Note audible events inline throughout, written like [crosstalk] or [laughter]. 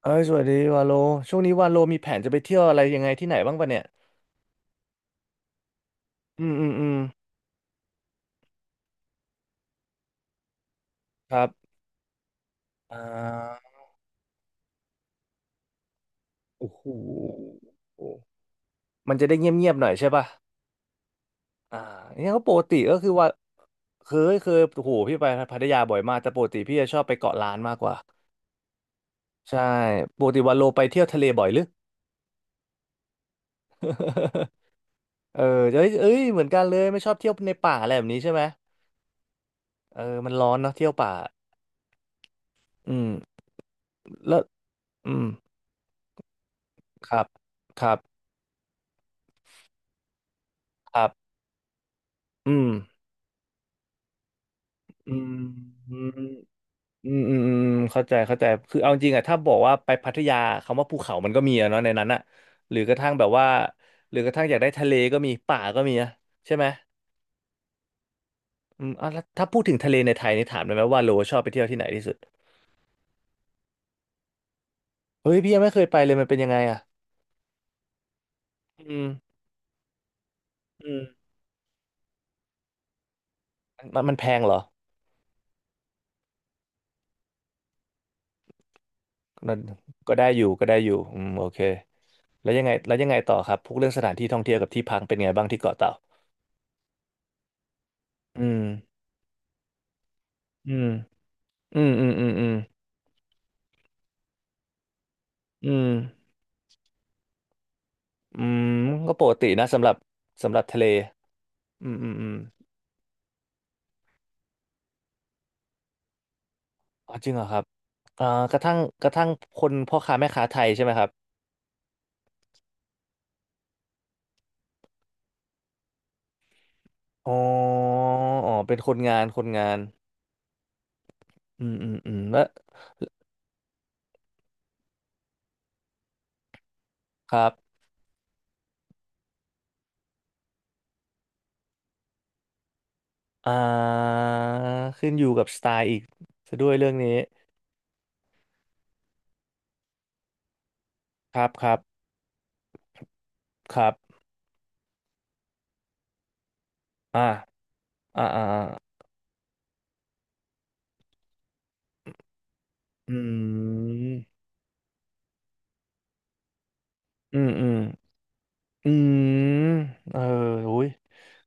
เอ้ยสวัสดีวาโล ช่วงนี้วาโลมีแผนจะไปเที่ยวอะไรยังไงที่ไหนบ้างปะเนี่ยอืมอืมอืม ครับอ่าโอ้โหมันจะได้เงียบๆหน่อยใช่ปะอ่าเนี่ยก็ปกติก็คือว่าเคยเคยโอ้โหพี่ไปพัทยาบ่อยมาก แต่ปกติพี่จะชอบไปเกาะล้านมากกว่า ใช่ปกติวาโลไปเที่ยวทะเลบ่อยหรือ [laughs] เออเอ้ยเอ้ยเหมือนกันเลยไม่ชอบเที่ยวในป่าอะไรแบบนี้ใช่ไหมเออมันร้อนเนาะเที่ยวป่าอืมแล้วอืมครับครับครับอืม อืมอืมอืมอืมอืมเข้าใจเข้าใจคือเอาจริงอะถ้าบอกว่าไปพัทยาคำว่าภูเขามันก็มีอะเนาะในนั้นอะหรือกระทั่งแบบว่าหรือกระทั่งอยากได้ทะเลก็มีป่าก็มีนะใช่ไหมอืมอ่ะแล้วถ้าพูดถึงทะเลในไทยนี่ถามได้ไหมว่าโลชอบไปเที่ยวที่ไหนที่สุดเฮ้ยพี่ยังไม่เคยไปเลยมันเป็นยังไงอะอืมอืมมันมันแพงเหรอมันก็ได้อยู่ก็ได้อยู่อืมโอเคแล้วยังไงต่อครับพวกเรื่องสถานที่ท่องเที่ยวกับที่พักเป็นไงบ้างที่เกาะเต่าอืมอืมอืมอืมอืมอืมอืม อืมก็ปกตินะสำหรับสำหรับทะเลอืมอืมอืมอ๋อจริงเหรอครับอ่ากระทั่งคนพ่อค้าแม่ค้าไทยใช่ไหมครับอ๋ออ๋อเป็นคนงานคนงานอืมอืมอืมแล้วครับอ่าขึ้นอยู่กับสไตล์อีกซะด้วยเรื่องนี้ครับครับครับอ่าอ่าอ่าอืมอืมอืม อืมเอออุ้ย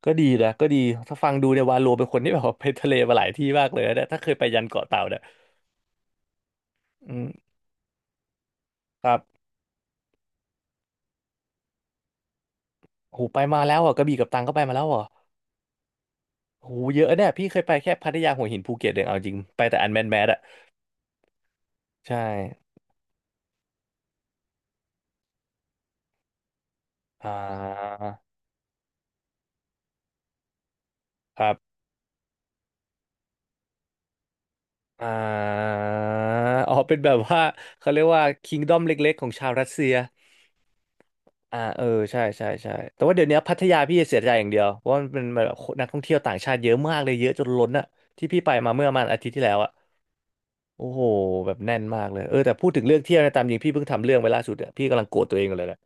ก็ดีนะก็ดีถ้าฟังดูเนี่ยวาโลเป็นคนที่แบบว่าไปทะเลมาหลายที่มากเลยนะเนี่ยถ้าเคยไปยันเกาะเต่าเนี่ยอืมครับโหไปมาแล้วอ่ะกระบี่กับตรังก็ไปมาแล้วอ่ะโหเยอะเนี่ยพี่เคยไปแค่พัทยาหัวหินภูเก็ตเองเอาจริงไปแต่อันแมนแมสอ่ะใช่อ่าครับอ่าอ๋อเป็นแบบว่าเขาเรียกว่าคิงดอมเล็กๆของชาวรัสเซีย อ่าเออใช่ใช่ใช่แต่ว่าเดี๋ยวนี้พัทยาพี่เสียใจอย่างเดียวเพราะว่ามันเป็นแบบนักท่องเที่ยวต่างชาติเยอะมากเลยเยอะจนล้นอะที่พี่ไปมาเมื่อประมาณอาทิตย์ที่แล้วอะโอ้โหแบบแน่นมากเลยเออแต่พูดถึงเรื่องเที่ยวนะตามจริงพี่เพิ่งทำเรื่องไปล่าสุดอะพี่กำลังโกรธตัวเองอยู่เลยแหละ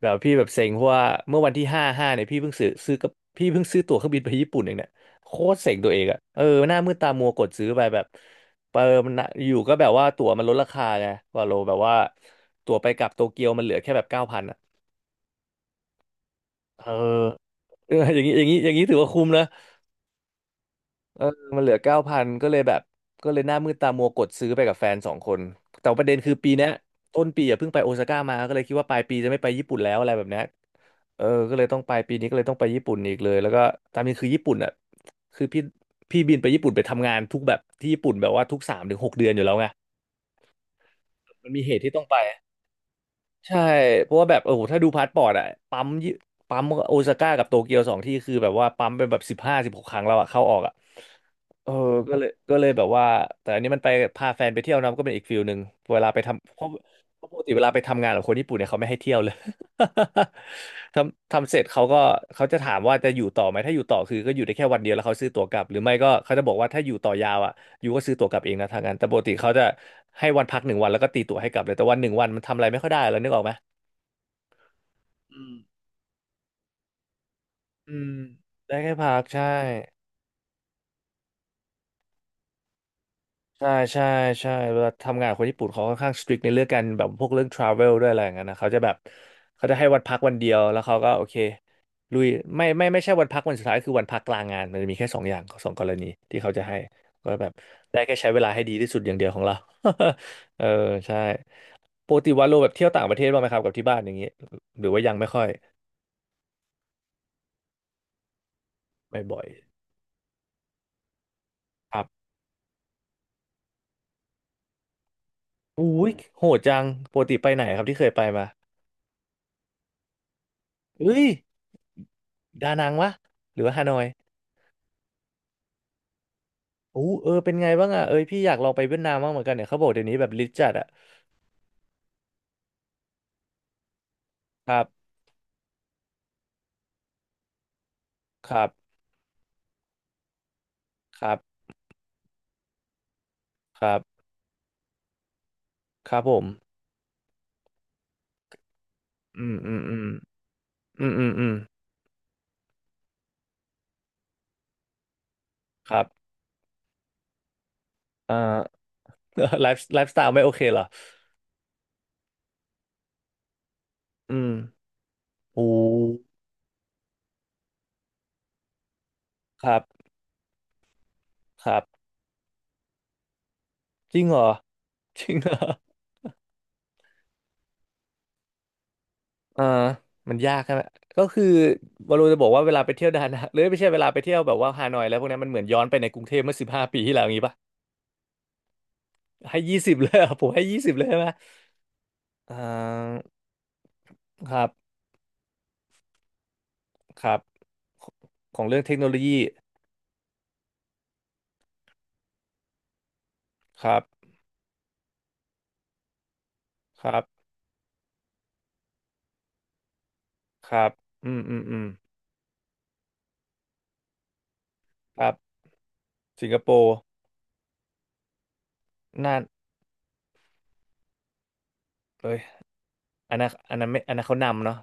แบบพี่แบบเซ็งเพราะว่าเมื่อวันที่5/5เนี่ยพี่เพิ่งซื้อตั๋วเครื่องบินไปญี่ปุ่นเองเนี่ยโคตรเซ็งตัวเองอะเออหน้ามืดตามัวกดซื้อไปแบบเปิมนะอยู่ก็แบบว่าตั๋วมันลดราคาไงว่าโลแบบว่าตั๋วไปกลับโตเกียวมันเหลือแค่แบบเก้าพันอะเออ เอออย่างนี้อย่างนี้อย่างนี้ถือว่าคุ้มนะเออมันเหลือเก้าพันก็เลยแบบก็เลยหน้ามืดตามัวกดซื้อไปกับแฟนสองคนแต่ประเด็นคือปีเนี้ยต้นปีอ่ะเพิ่งไปโอซาก้ามาก็เลยคิดว่าปลายปีจะไม่ไปญี่ปุ่นแล้วอะไรแบบเนี้ยเออก็เลยต้องไปปีนี้ก็เลยต้องไปญี่ปุ่นอีกเลยแล้วก็ตามนี้คือญี่ปุ่นอ่ะคือพี่บินไปญี่ปุ่นไปทำงานทุกแบบที่ญี่ปุ่นแบบว่าทุก3-6 เดือนอยู่แล้วไงมันมีเหตุที่ต้องไป ใช่เพราะว่าแบบโอ้โหถ้าดูพาสปอร์ตอะปั๊มยี่ปั๊มโอซาก้ากับโตเกียวสองที่คือแบบว่าปั๊มเป็นแบบ15-16 ครั้งแล้วอะเข้าออกอะเออก็เลยแบบว่าแต่อันนี้มันไปพาแฟนไปเที่ยวนะก็เป็นอีกฟิลหนึ่งเวลาไปทำเพราะปกติเวลาไปทำงานกับคนญี่ปุ่นเนี่ยเขาไม่ให้เที่ยวเลย [laughs] ทำเสร็จเขาก็เขาจะถามว่าจะอยู่ต่อไหมถ้าอยู่ต่อคือก็อยู่ได้แค่วันเดียวแล้วเขาซื้อตั๋วกลับหรือไม่ก็เขาจะบอกว่าถ้าอยู่ต่อยาวอะ ยูก็ซื้อตั๋วกลับเองนะทางนั้นแต่ปกติเขาจะให้วันพักหนึ่งวันแล้วก็ตีตั๋วให้กลับเลย แต่วันหนึ่งวันมันทำอะไรไม่ค่อยได้แล้วนึกออกไหมอืมอืม ได้แค่พักใช่ ใช่ใช่ใช่เวลาทำงานกับคนญี่ปุ่นเขาค่อนข้างสตริกในเรื่องการแบบพวกเรื่องทราเวลด้วยอะไรอย่างเงี้ยนะเขาจะแบบเขาจะให้วันพักวันเดียวแล้วเขาก็โอเคลุยไม่ไม่ไม่ใช่วันพักวันสุดท้ายคือวันพักกลางงานมันจะมีแค่สองอย่างสองกรณีที่เขาจะให้ก็แบบได้แค่ใช้เวลาให้ดีที่สุดอย่างเดียวของเรา [laughs] เออใช่ปกติวันโลแบบเที่ยวต่างประเทศบ้างไหมครับกับที่บ้านอย่างนี้หรือว่ายังไม่ค่อยไม่บ่อยครับอุ้ยโหดจังปกติไปไหนครับที่เคยไปมาเฮ้ยดานังวะหรือว่าฮานอย โอ้เออเป็นไงบ้างอ่ะเอ้ยพี่อยากลองไปเวียดนามบ้างเหมือนกันเนี่ยเขาบอกเดี๋ยวนี้แบบลิจัดอ่ะครับครับครับครับครับผมอืมอืมอืมอืมอืมอืมครับอ่า [laughs] ไลฟ์ [laughs] ไลฟ์สไตล์ไม่โอเคเหรออืมโอ้ครับครับจริงเหรอ [laughs] จริงเหรออ่ามันยากใช่ไหมก็คือวาโลจะบอกว่าเวลาไปเที่ยวดานัง [laughs] หรือไม่ใช่เวลาไปเที่ยวแบบว่าฮานอยแล้วพวกนั้นมันเหมือนย้อนไปในกรุงเทพเมื่อ15 ปีที่แล้วอย่างงี้ป่ะให้ยี่สิบเลยอะผมให้ยี่สิบเลยใช่ไหมอ่าครับ ครับของเรื่องเทคโนโลยีครับครับครับอืมอืมอืมครับสิงคโปร์น่านเลยอันนั้นอันนั้นไม่อันนั้นเขานำเนาะ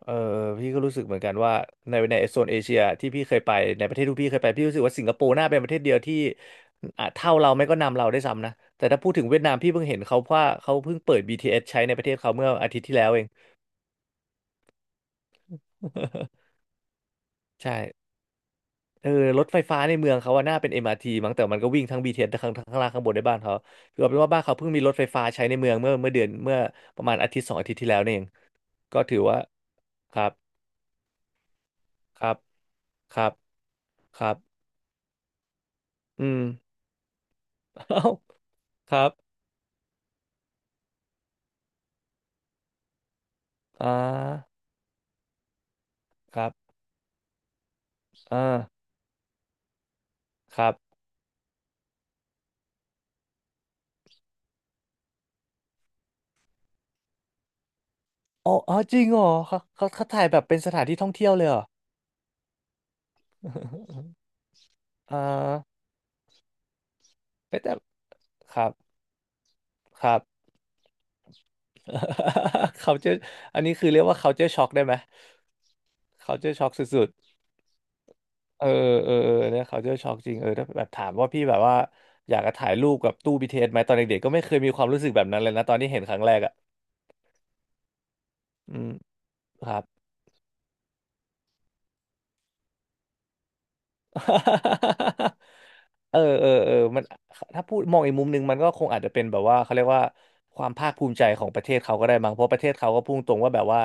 เออพี่ก็รู้สึกเหมือนกันว่าในในโซนเอเชียที่พี่เคยไปในประเทศที่พี่เคยไปพี่รู้สึกว่าสิงคโปร์น่าเป็นประเทศเดียวที่อ่ะเท่าเราไม่ก็นำเราได้วยซ้ำนะแต่ถ้าพูดถึงเวียดนามพี่เพิ่งเห็นเขาว่าเขาเพิ่งเปิดบีทีเอสใช้ในประเทศเขาเมื่ออาทิตย์ที่แล้วเอง [laughs] ใช่ เออรถไฟฟ้าในเมืองเขาว่าน่าเป็นเอ t มอาร์ทีมั้งแต่มันก็วิ่งทั้ง BTS ทเอสทั้งข้างข้างล่างข้างบนในบ้านเขาคือเอาเป็นว่าบ้านเขาเพิ่งมีรถไฟฟ้าใช้ในเมืองเมื่อเมื่อเดือนเมื่อประมาณอาทิตย์2 อาทิตย์ที่แล้วนี่เองก็ถือว่าครับครับครับครับอืม [laughs] เอ้าครับอ่าครับอ่าครับอ๋ออ๋อจริงเหรอเขาถ่ายแบบเป็นสถานที่ท่องเที่ยวเลยเหรอ [laughs] อ่าไม่แต่ครับครับ [laughs] เขาจะอันนี้คือเรียกว่าเขาเจอช็อกได้ไหมเขาเจอช็อกสุด เออเออเออเนี่ย culture shock จริงเออถ้าแบบถามว่าพี่แบบว่าอยากจะถ่ายรูปกับตู้บีทีเ t สไหมตอนเด็กๆก็ไม่เคยมีความรู้สึกแบบนั้นเลยนะตอนที่เห็นครั้งแรกอ่ะอืมครับ [laughs] เออเออเออมันถ้าพูดมองอีกมุมหนึ่งมันก็คงอาจจะเป็นแบบว่าเขาเรียกว่าความภาคภูมิใจของประเทศเขาก็ได้มั้งเพราะประเทศเขาก็พุ่งตรงว่าแบบว่า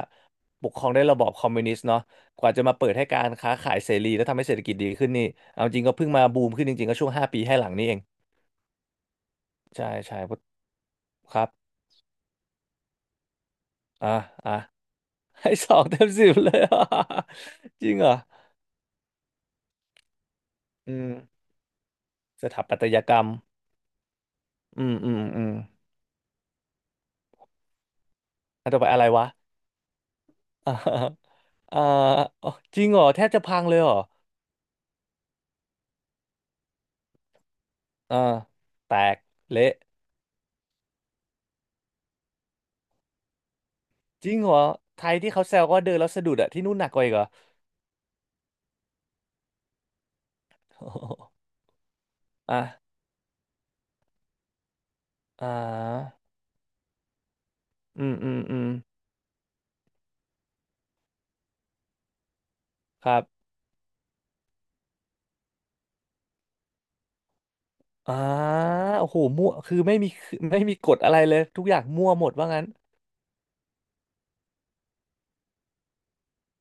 ปกครองด้วยระบอบคอมมิวนิสต์เนาะกว่าจะมาเปิดให้การค้าขายเสรีและทำให้เศรษฐกิจดีขึ้นนี่เอาจริงก็เพิ่งมาบูมขึ้นจริงๆก็ช่วงห้าปีให้หลังนี้เองใช่ใช่ครับอ่ะอ่ะ ให้2 เต็ม 10เลยอ่ะ [laughs] จริงเหรออืมสถาปัตยกรรมอืมอืมอืมอันต่อไปอะไรวะ [laughs] อ่าอ่าอ๋อจริงเหรอแทบจะพังเลยเหรออ่าแตก เละ จริงเหรอไทยที่เขาแซวก็เดินแล้วสะดุดอะที่นู่นหนักกว่าอีกเหรอโอ้โห [laughs] อ่ะอ่าอืมอืมอืมครับอ่าโอ้โหมั่วคือไม่มีไม่มีกฎอะไรเลยทุกอย่างมั่วหมดว่างั้น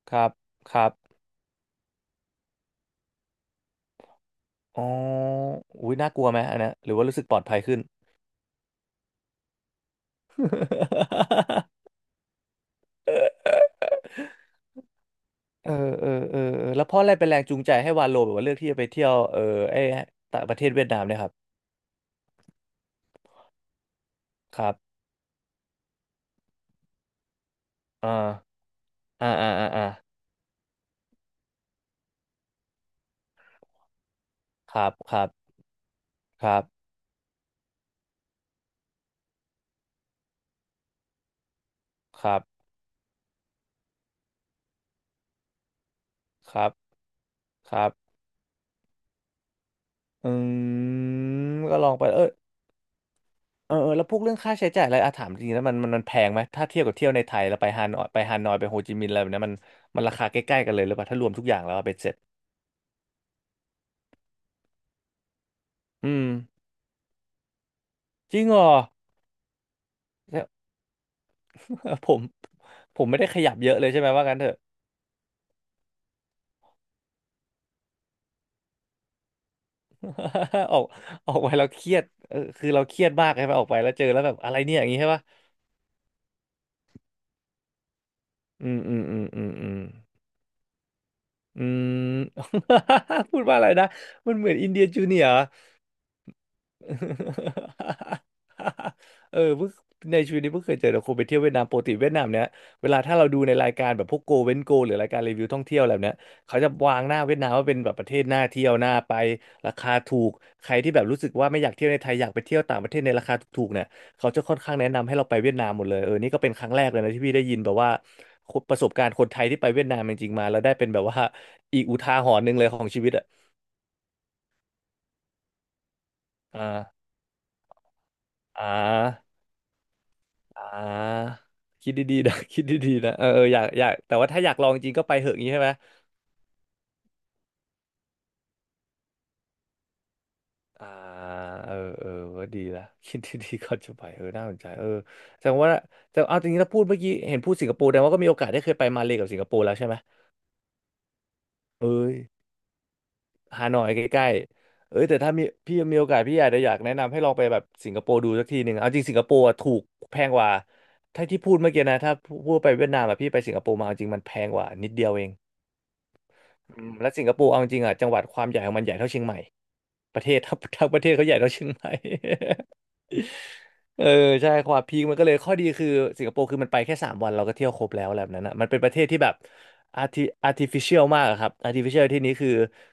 ครับครับอ๋ออุ้ยน่ากลัวไหมอันเนี้ยหรือว่ารู้สึกปลอดภัยขึ้น [laughs] เออเออเออเออแล้วเพราะอะไรเป็นแรงจูงใจให้วาโลแบบว่าเลือกที่จะไปเที่ยวเออไอ้ต่างประเทศเวียดนามเนี่ยครับครับอ่าอ่าอ่าอ่าอ่าครับครับครับครับครับครับอืมก็ลองไปเออเออเออแล้วพวกเรื่องค่าใช้จ่ายอะไรอาถามจริงๆแล้วมันแพงไหมถ้าเทียบกับเที่ยวในไทยแล้วไปฮานอยไปโฮจิมินห์อะไรแบบเนี้ยมันมันราคาใกล้ๆกันเลยหรือเปล่าถ้ารวมทุกอย่างแล้วอะเป็นเสร็จอืมจริงเหรอแล้ว [laughs] ผมผมไม่ได้ขยับเยอะเลยใช่ไหมว่างั้นเถอะ [laughs] ออกออกไปแล้วเครียดเออคือเราเครียดมากใช่ไหมออกไปแล้วเจอแล้วแบบอะไรเนี่ยอย่างงี้ใช่ปะอืมอืมอืมอืมอืมอืม [laughs] พูดว่าอะไรนะมันเหมือนอินเดียจูเนียร์ [laughs] เออเพิ่งในชีวิตนี้เพิ่งเคยเจอแต่คนไปเที่ยวเวียดนามปกติเวียดนามเนี้ยเวลาถ้าเราดูในรายการแบบพวกโกเว้นโกหรือรายการรีวิวท่องเที่ยวอะไรแบบเนี้ยเขาจะวางหน้าเวียดนามว่าเป็นแบบประเทศน่าเที่ยวน่าไปราคาถูกใครที่แบบรู้สึกว่าไม่อยากเที่ยวในไทยอยากไปเที่ยวต่างประเทศในราคาถูกๆเนี่ยเขาจะค่อนข้างแนะนำให้เราไปเวียดนามหมดเลยเออนี่ก็เป็นครั้งแรกเลยนะที่พี่ได้ยินแบบว่า [laughs] คนประสบการณ์คนไทยที่ไปเวียดนามจริงๆมาแล้วได้เป็นแบบว่าอีกอุทาหรณ์หนึ่งเลยของชีวิตอ่ะอ่าอ่า อ่าคิดดีๆนะ [laughs] คิดดีๆนะเออเอออยากแต่ว่าถ้าอยากลองจริงก็ไปเหอะงนี้ใช่ไหมอ่าเออเออก็ดีละ [laughs] คิดดีๆก่อนจะไปเออน่าสนใจเออแสดงว่าแสดงเอาจริงๆถ้าพูดเมื่อกี้เห็นพูดสิงคโปร์แต่ว่าก็มีโอกาสได้เคยไปมาเลกับสิงคโปร์แล้วใช่ไหมเอ้ยฮานอยใกล้ๆเอ้ยแต่ถ้ามีพี่มีโอกาสพี่อาจจะอยากแนะนำให้ลองไปแบบสิงคโปร์ดูสักทีหนึ่งเอาจริงสิงคโปร์อะถูกแพงกว่าถ้าที่พูดเมื่อกี้นะถ้าพูดไปเวียดนามอะพี่ไปสิงคโปร์มาเอาจริงมันแพงกว่านิดเดียวเอง อืมและสิงคโปร์เอาจริงๆอ่ะจังหวัดความใหญ่ของมันใหญ่เท่าเชียงใหม่ประเทศ [laughs] ทั้งประเทศเขาใหญ่เท่าเชียงใหม่ เออใช่ความพีคมันก็เลยข้อดีคือสิงคโปร์คือมันไปแค่3 วันเราก็เที่ยวครบแล้วอะไรแบบนั้นนะมันเป็นประเทศที่แบบ arti artificial มากอะครับ artificial ที่นี้คือ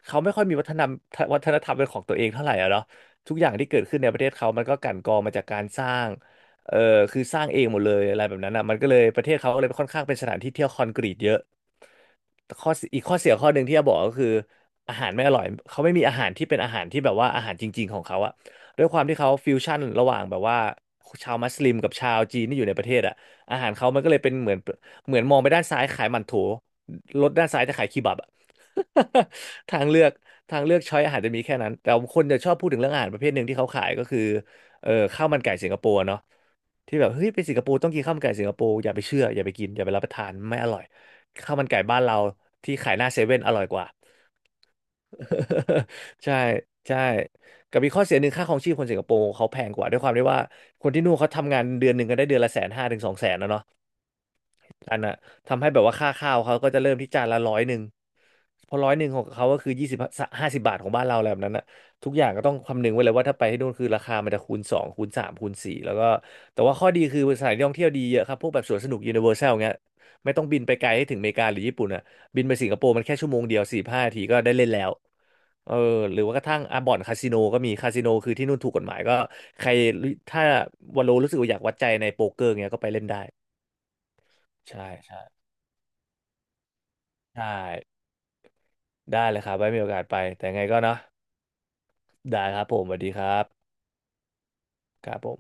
เขาไม่ค่อยมีวัฒนธรรมเป็นของตัวเองเท่าไหร่อะเนาะทุกอย่างที่เกิดขึ้นในประเทศเขามันก็กลั่นกรองมาจากการสร้างเออคือสร้างเองหมดเลยอะไรแบบนั้นนะมันก็เลยประเทศเขาก็เลยค่อนข้างเป็นสถานที่เที่ยวคอนกรีตเยอะอีกข้อเสียข้อหนึ่งที่จะบอกก็คืออาหารไม่อร่อยเขาไม่มีอาหารที่เป็นอาหารที่แบบว่าอาหารจริงๆของเขาอะ ด้วยความที่เขาฟิวชั่นระหว่างแบบว่าชาวมัสลิมกับชาวจีนที่อยู่ในประเทศอ่ะอาหารเขามันก็เลยเป็นเหมือนมองไปด้านซ้ายขายหมั่นโถรถด้านซ้ายจะขายคีบับอ่ะ [laughs] ทางเลือกทางเลือกช้อยอาหารจะมีแค่นั้นแต่คนจะชอบพูดถึงเรื่องอาหารประเภทหนึ่งที่เขาขายก็คือเออข้าวมันไก่สิงคโปร์เนาะที่แบบเฮ้ยไปสิงคโปร์ต้องกินข้าวมันไก่สิงคโปร์อย่าไปเชื่ออย่าไปกินอย่าไปรับประทานไม่อร่อยข้าวมันไก่บ้านเราที่ขายหน้าเซเว่นอร่อยกว่า [laughs] ใช่ใช่กับมีข้อเสียหนึ่งค่าครองชีพคนสิงคโปร์เขาแพงกว่าด้วยความที่ว่าคนที่นู่นเขาทำงานเดือนหนึ่งก็ได้เดือนละ150,000 ถึง 200,000นะเนาะ อันน่ะทำให้แบบว่าค่าข้าวเขาก็จะเริ่มที่จานละร้อยหนึ่งเพอร้อยหนึ่งของเขาก็คือ20 ถึง 50 บาทของบ้านเราอะไรแบบนั้นน่ะทุกอย่างก็ต้องคำนึงไว้เลยว่าถ้าไปให้นู่นคือราคามันจะคูณสองคูณสามคูณสี่แล้วก็แต่ว่าข้อดีคือสถานที่ท่องเที่ยวดีเยอะครับพวกแบบสวนสนุกยูนิเวอร์แซลเงี้ยไม่ต้องบินไปไกลให้ถึงอเมริกาหรือญี่ปุ่นอ่ะบินไปสิงคโปร์มันแค่ชั่วโมงเดียว4-5 นาทีก็ได้เล่นแล้วเออหรือว่ากระทั่งอ่ะบ่อนคาสิโนก็มีคาสิโนคือที่นู่นถูกกฎหมายก็ใครถ้าวาโลรู้สึกว่าอยากวัดใจในโป๊กเกอร์เงี้ยก็ไปเล่นได้ใช่ใช่ ได้ได้เลยครับไว้มีโอกาสไปแต่ไงก็เนาะได้ครับผมสวัสดีครับครับผม